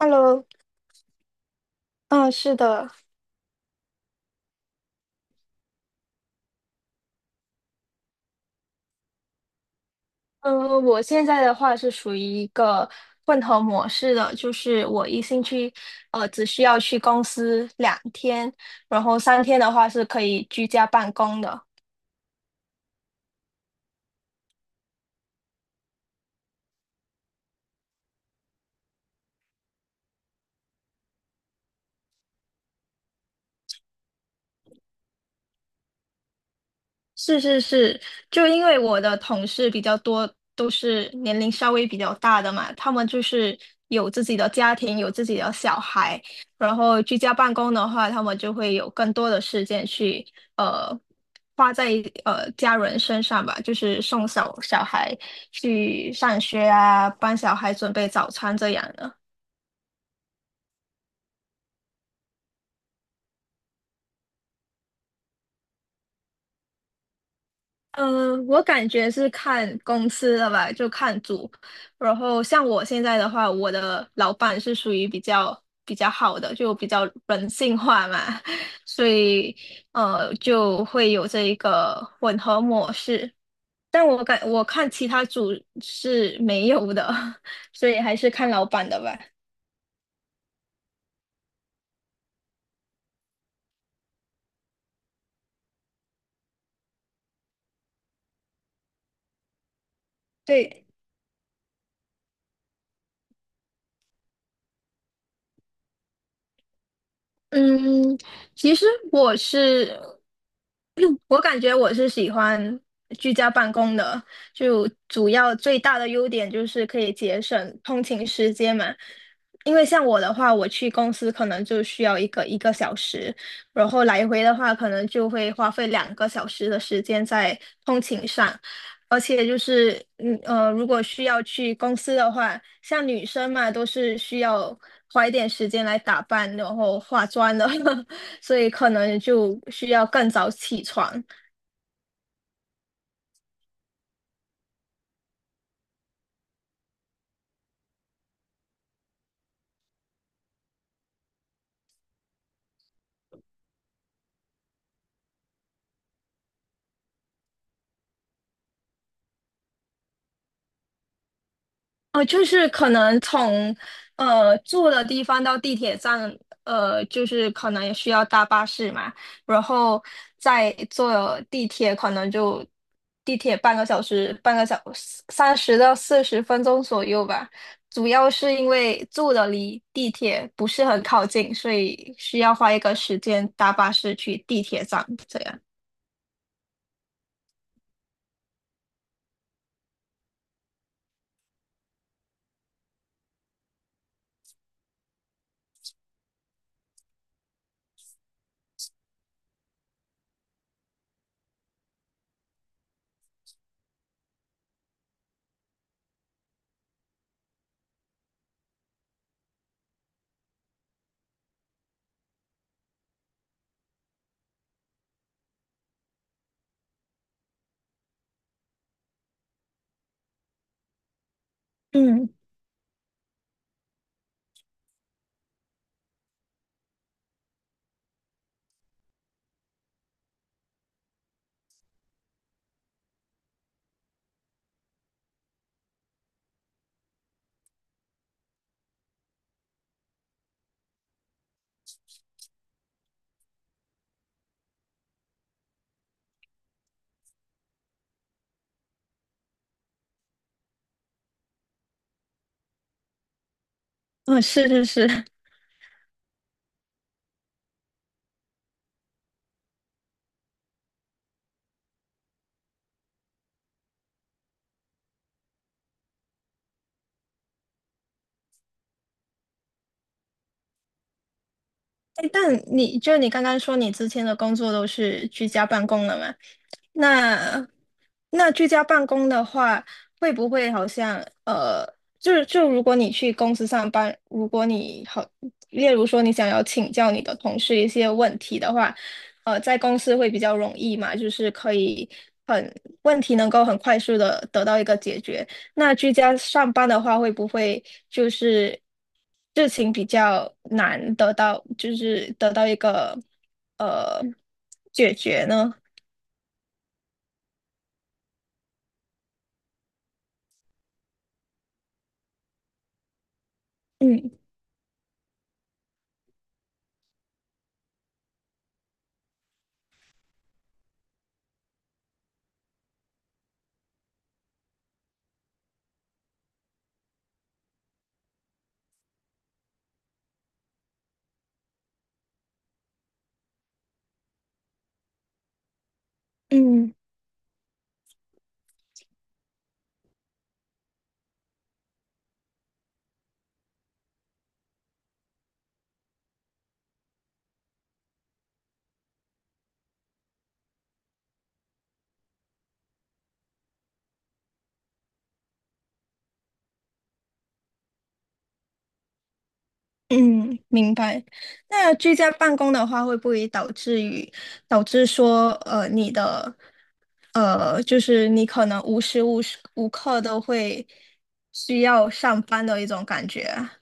Hello，嗯，是的。嗯，我现在的话是属于一个混合模式的，就是我一星期，只需要去公司两天，然后三天的话是可以居家办公的。是是是，就因为我的同事比较多，都是年龄稍微比较大的嘛，他们就是有自己的家庭，有自己的小孩，然后居家办公的话，他们就会有更多的时间去呃花在家人身上吧，就是送小孩去上学啊，帮小孩准备早餐这样的。我感觉是看公司的吧，就看组。然后像我现在的话，我的老板是属于比较好的，就比较人性化嘛，所以就会有这一个混合模式。但我看其他组是没有的，所以还是看老板的吧。对。嗯，其实我是，我感觉我是喜欢居家办公的，就主要最大的优点就是可以节省通勤时间嘛。因为像我的话，我去公司可能就需要一个小时，然后来回的话，可能就会花费两个小时的时间在通勤上。而且就是，如果需要去公司的话，像女生嘛，都是需要花一点时间来打扮，然后化妆的，所以可能就需要更早起床。哦，就是可能从住的地方到地铁站，就是可能也需要搭巴士嘛，然后再坐地铁，可能就地铁半个小时，半个小三十到四十分钟左右吧。主要是因为住的离地铁不是很靠近，所以需要花一个时间搭巴士去地铁站这样。嗯，嗯，是是是。哎，但你刚刚说你之前的工作都是居家办公的嘛？那那居家办公的话，会不会好像呃，就如果你去公司上班，如果你好，例如说你想要请教你的同事一些问题的话，在公司会比较容易嘛，就是可以很问题能够很快速的得到一个解决。那居家上班的话，会不会就是事情比较难得到，就是得到一个呃解决呢？嗯。嗯嗯，明白。那居家办公的话，会不会导致于导致说，呃，你的就是你可能无时无刻都会需要上班的一种感觉啊？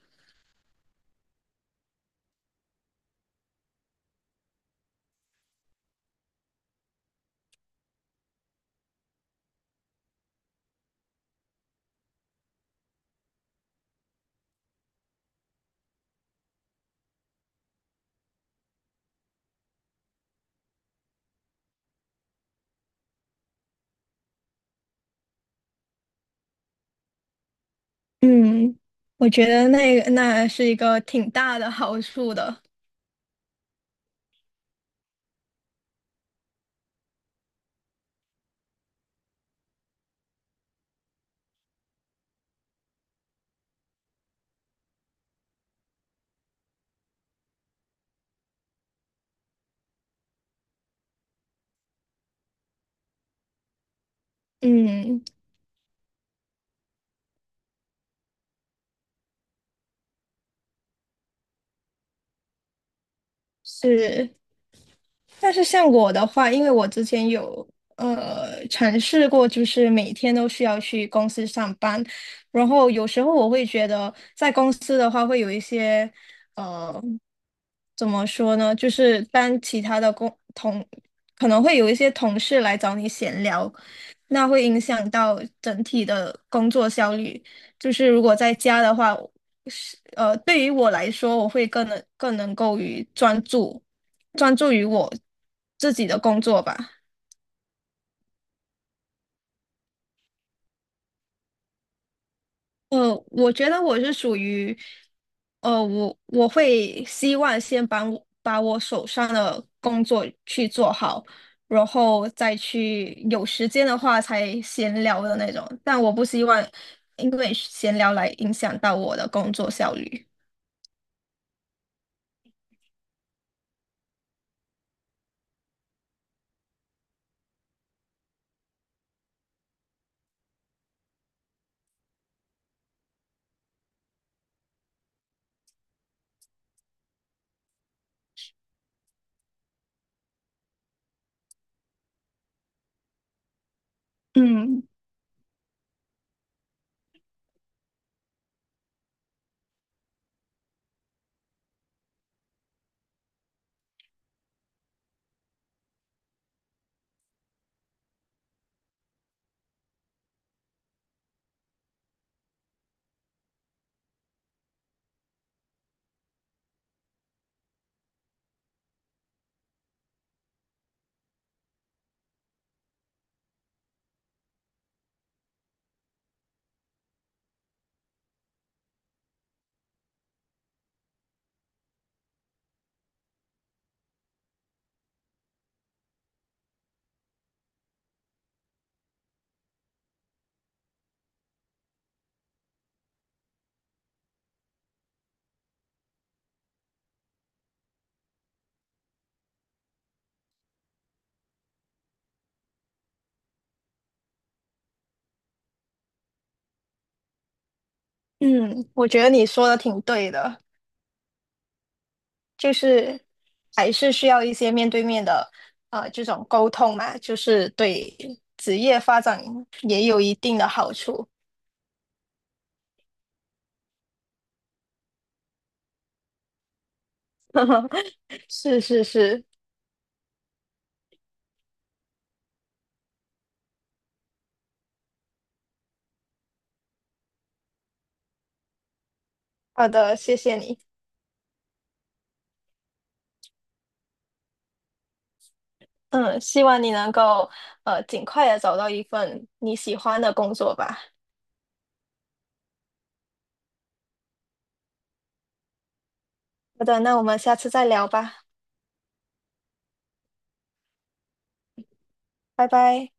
嗯，我觉得那是一个挺大的 好处的。嗯，是。但是像我的话，因为我之前有尝试过，就是每天都需要去公司上班，然后有时候我会觉得在公司的话会有一些呃怎么说呢，就是当其他的工同可能会有一些同事来找你闲聊，那会影响到整体的工作效率。就是如果在家的话，对于我来说，我会更能够于专注。专注于我自己的工作吧。我觉得我是属于，我会希望先把我手上的工作去做好，然后再去有时间的话才闲聊的那种。但我不希望因为闲聊来影响到我的工作效率。嗯嗯，我觉得你说的挺对的。就是还是需要一些面对面的这种沟通嘛，就是对职业发展也有一定的好处。是是是，好的，谢谢你。嗯，希望你能够尽快的找到一份你喜欢的工作吧。好的，那我们下次再聊吧，拜拜。